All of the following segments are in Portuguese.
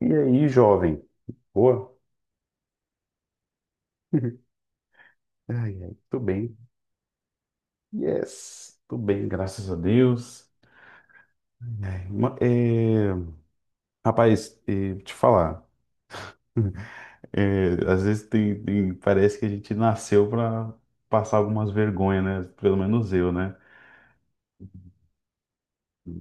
E aí, jovem? Boa? Ai, ai, tô bem. Yes, tô bem, graças a Deus. É, rapaz, é, te falar, é, às vezes parece que a gente nasceu pra passar algumas vergonhas, né? Pelo menos eu, né?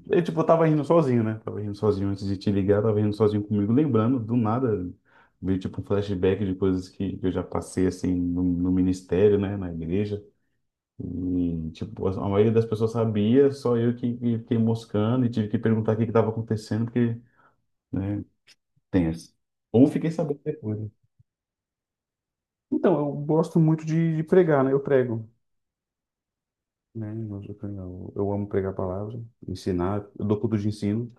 Eu, tipo, eu tava rindo sozinho, né? Tava rindo sozinho antes de te ligar, tava rindo sozinho comigo, lembrando do nada, veio tipo um flashback de coisas que eu já passei, assim, no ministério, né? Na igreja. E, tipo, a maioria das pessoas sabia, só eu que fiquei moscando e tive que perguntar o que estava acontecendo, porque, né, tem essa. Ou fiquei sabendo depois, né? Então, eu gosto muito de pregar, né? Eu prego, né? Eu amo pregar a palavra, ensinar. Eu dou culto de ensino,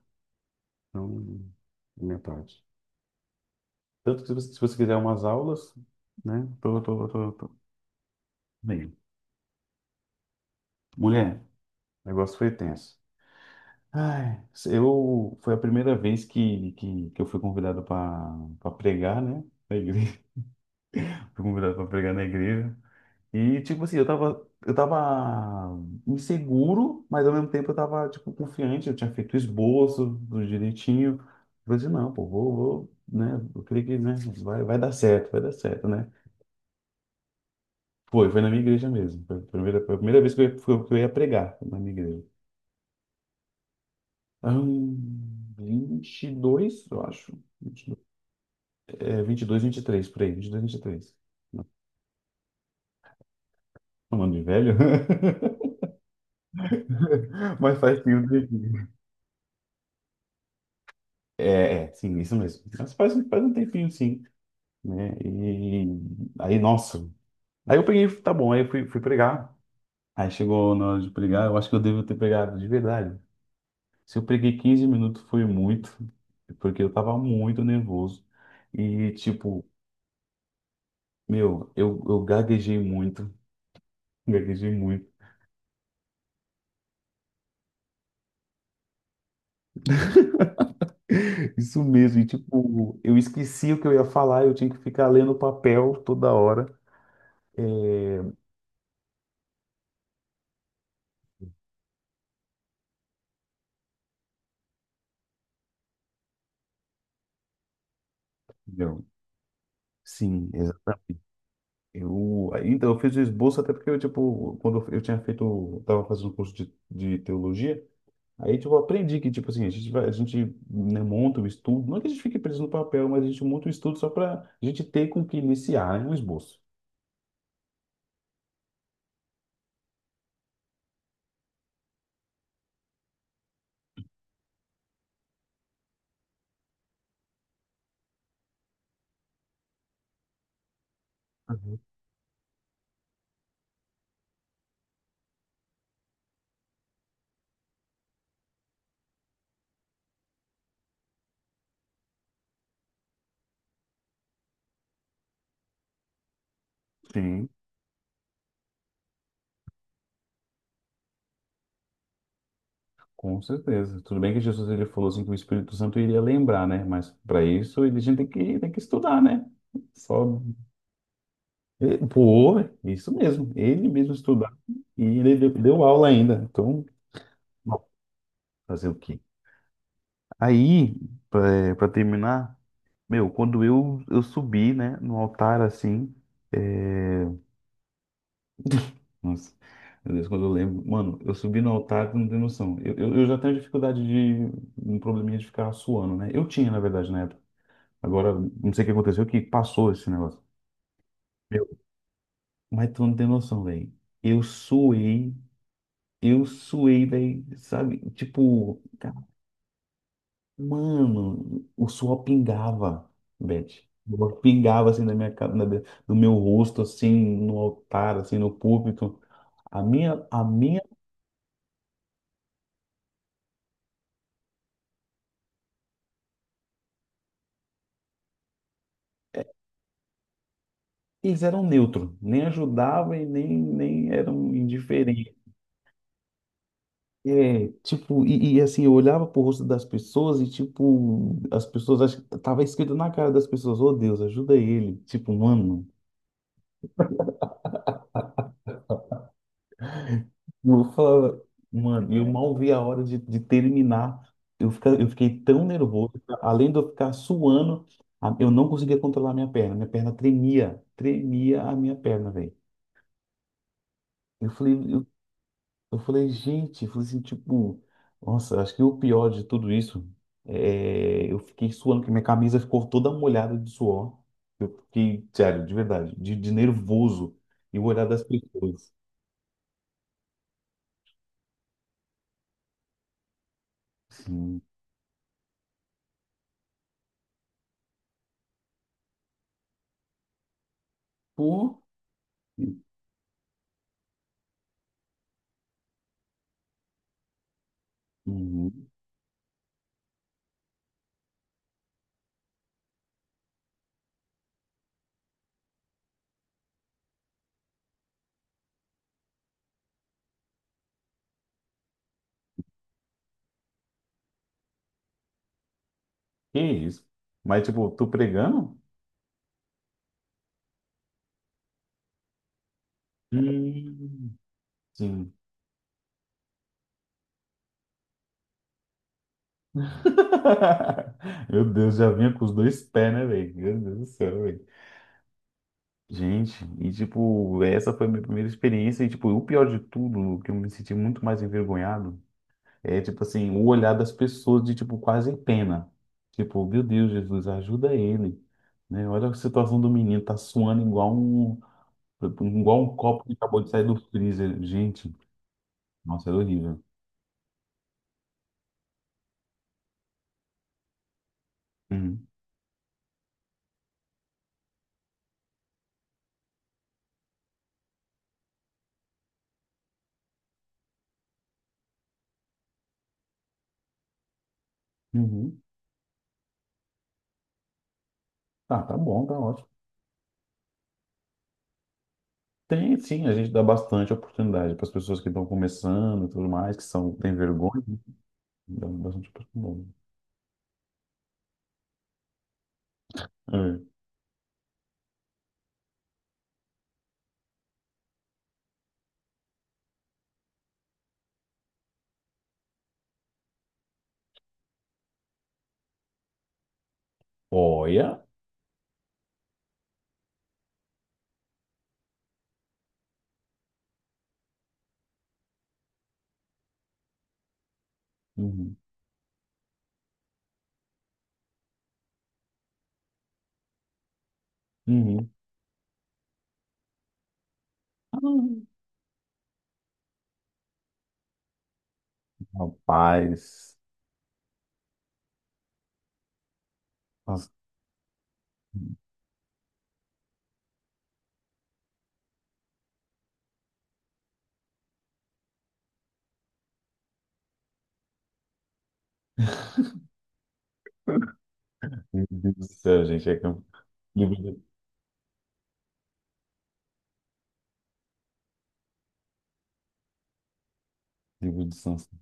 então, é minha parte. Tanto que se você quiser umas aulas, né? Tô. Bem, mulher, o negócio foi tenso. Ai, eu foi a primeira vez que eu fui convidado para pregar, né? Na igreja. Fui convidado para pregar na igreja. E tipo assim, eu tava inseguro, mas ao mesmo tempo eu tava tipo confiante, eu tinha feito o esboço tudo direitinho. Eu falei assim, não, pô, vou, vou, né? Eu creio que, né, vai, vai dar certo, né? Foi na minha igreja mesmo. Foi a primeira vez que eu ia pregar na minha igreja. Ahn, 22 eu acho. É 22, três por aí, 22, três. Chamando de velho? Mas faz tempo. Tempinho. É, sim, isso mesmo. Mas faz um tempinho, sim, né? E aí, nossa. Aí eu peguei, tá bom, aí eu fui pregar. Aí chegou na hora de pregar, eu acho que eu devo ter pregado de verdade. Se eu preguei 15 minutos, foi muito, porque eu tava muito nervoso. E, tipo, meu, eu gaguejei muito, gaguejei muito. Isso mesmo, e tipo, eu esqueci o que eu ia falar, eu tinha que ficar lendo o papel toda hora. Entendeu? Sim, exatamente. Eu, aí, então, eu fiz o esboço até porque eu, tipo, quando eu tinha feito, eu tava fazendo um curso de teologia, aí, tipo, eu aprendi que, tipo assim, a gente vai, a gente, né, monta o estudo, não é que a gente fique preso no papel, mas a gente monta o estudo só para a gente ter com o que iniciar, né, um esboço. Uhum. Sim. Com certeza. Tudo bem que Jesus ele falou assim que o Espírito Santo iria lembrar, né? Mas para isso a gente tem que estudar, né? Só pô, isso mesmo. Ele mesmo estudar e ele deu aula ainda. Então, bom, fazer o quê? Aí, para terminar, meu, quando eu subi, né, no altar assim, é... nossa, meu Deus, quando eu lembro, mano, eu subi no altar, tu não tem noção. Eu já tenho dificuldade de um probleminha de ficar suando, né? Eu tinha, na verdade, na época. Agora, não sei o que aconteceu, que passou esse negócio. Meu, mas tu não tem noção, velho. Eu suei, eu suei, velho, sabe? Tipo, cara, mano, o suor pingava, Beth. O suor pingava assim na, do meu rosto, assim, no altar, assim, no púlpito. A minha, a minha, Eles eram neutro, nem ajudava e nem, nem, eram indiferentes. É, tipo, assim, eu olhava pro rosto das pessoas e, tipo, as pessoas, acho que tava escrito na cara das pessoas, ô Deus, ajuda ele. Tipo, mano, eu falava, mano, eu mal vi a hora de terminar. Eu fiquei tão nervoso, além de eu ficar suando, eu não conseguia controlar a minha perna. Minha perna tremia, tremia a minha perna, velho. Eu falei, Eu falei, gente, eu falei assim, tipo, nossa, acho que o pior de tudo isso é eu fiquei suando, que minha camisa ficou toda molhada de suor. Eu fiquei, sério, de verdade, de nervoso e o olhar das pessoas. Assim, pô, uhum, que isso? Mas, tipo, tô pregando? Hum, sim. Meu Deus, já vinha com os dois pés, né, velho? Meu Deus do céu, velho. Gente, e tipo, essa foi a minha primeira experiência, e tipo, o pior de tudo, o que eu me senti muito mais envergonhado, é tipo assim, o olhar das pessoas de tipo quase pena. Tipo, meu Deus, Jesus, ajuda ele, né? Olha a situação do menino, tá suando igual um copo que acabou de sair do freezer. Gente, nossa, era horrível. Uhum. Uhum. Ah, tá bom, tá ótimo. Tem sim, a gente dá bastante oportunidade para as pessoas que estão começando e tudo mais, que são, têm vergonha, né? Dá bastante oportunidade. É. Olha. Uhum. Uhum. Ah, rapaz. Nossa, meu Deus do céu, gente. Livro de Sansão.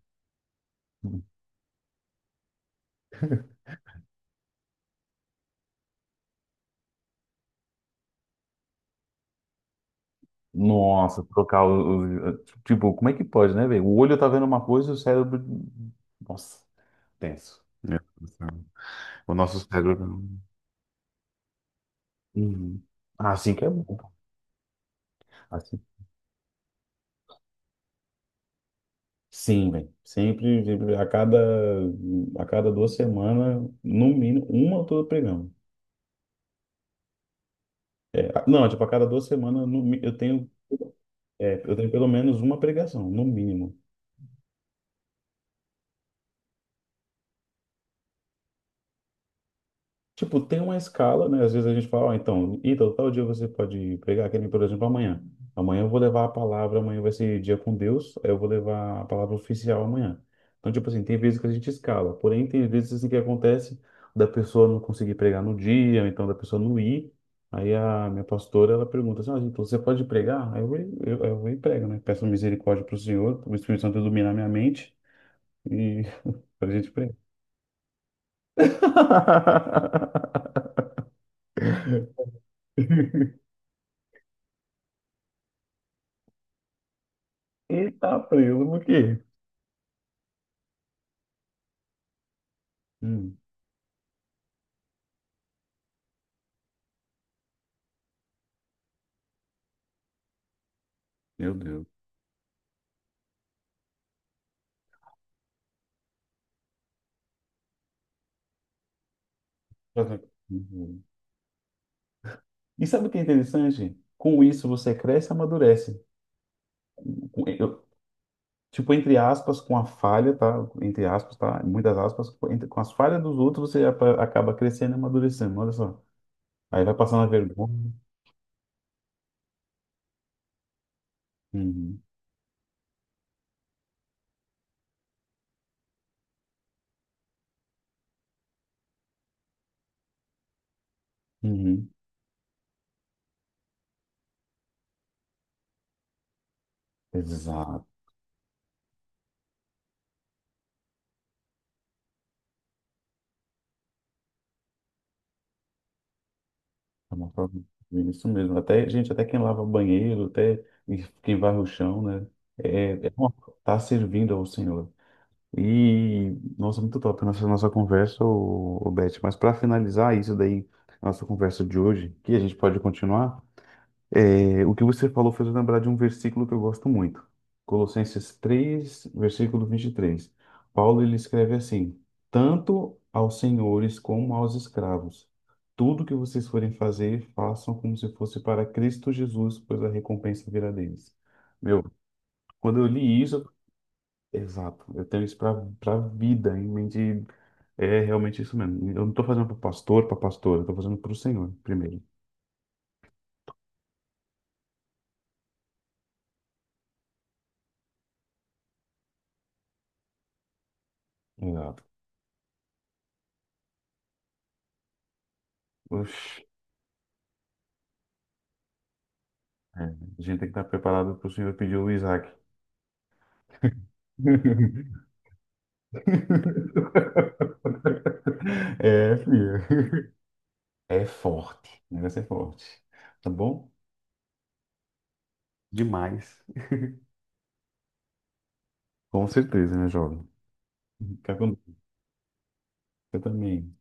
Nossa, tipo, como é que pode, né, velho? O olho tá vendo uma coisa e o cérebro. Nossa, tenso. Meu Deus do céu. O nosso cérebro. Uhum. Ah, assim que é bom. Assim. Sim, velho. Sempre, sempre, a cada 2 semanas, no mínimo, uma eu tô pregando. É, não, tipo, a cada 2 semanas no mi- eu tenho, é, eu tenho pelo menos uma pregação, no mínimo. Tipo, tem uma escala, né? Às vezes a gente fala, ó, então, tal dia você pode pegar aquele, por exemplo, amanhã. Amanhã eu vou levar a palavra, amanhã vai ser dia com Deus, aí eu vou levar a palavra oficial amanhã. Então, tipo assim, tem vezes que a gente escala, porém tem vezes assim que acontece da pessoa não conseguir pregar no dia, ou então da pessoa não ir. Aí a minha pastora, ela pergunta assim, ah, então você pode pregar? Aí eu vou e prego, né? Peço misericórdia para o Senhor, pro Espírito Santo iluminar minha mente e para a gente pregar. Ele tá preso por quê? Hum. Meu Deus. Uhum. E sabe o que é interessante? Com isso você cresce e amadurece. Com- eu- tipo, entre aspas, com a falha, tá? Entre aspas, tá? Muitas aspas, com as falhas dos outros você acaba crescendo e amadurecendo. Olha só. Aí vai passando a vergonha. Uhum. Uhum. Exato. É uma forma de. Isso mesmo. Até, gente, até quem lava banheiro, até quem varre o chão, né? É, é uma- tá servindo ao Senhor. E, nossa, muito top, nossa, nossa conversa, o, Beth. Mas para finalizar isso daí, nossa conversa de hoje, que a gente pode continuar, o que você falou fez eu lembrar de um versículo que eu gosto muito. Colossenses 3, versículo 23, Paulo ele escreve assim: tanto aos senhores como aos escravos, tudo que vocês forem fazer, façam como se fosse para Cristo Jesus, pois a recompensa virá deles. Meu, quando eu li isso, eu. Exato, eu tenho isso para vida em mente. É realmente isso mesmo. Eu não estou fazendo para pastor, para pastora, eu tô fazendo para o Senhor primeiro. Exato. Oxi, a gente tem que estar preparado para o Senhor pedir o Isaac. É, filha. É forte, o negócio é forte. Tá bom? Demais. Com certeza, né, jovem? Fica com Deus. Você também.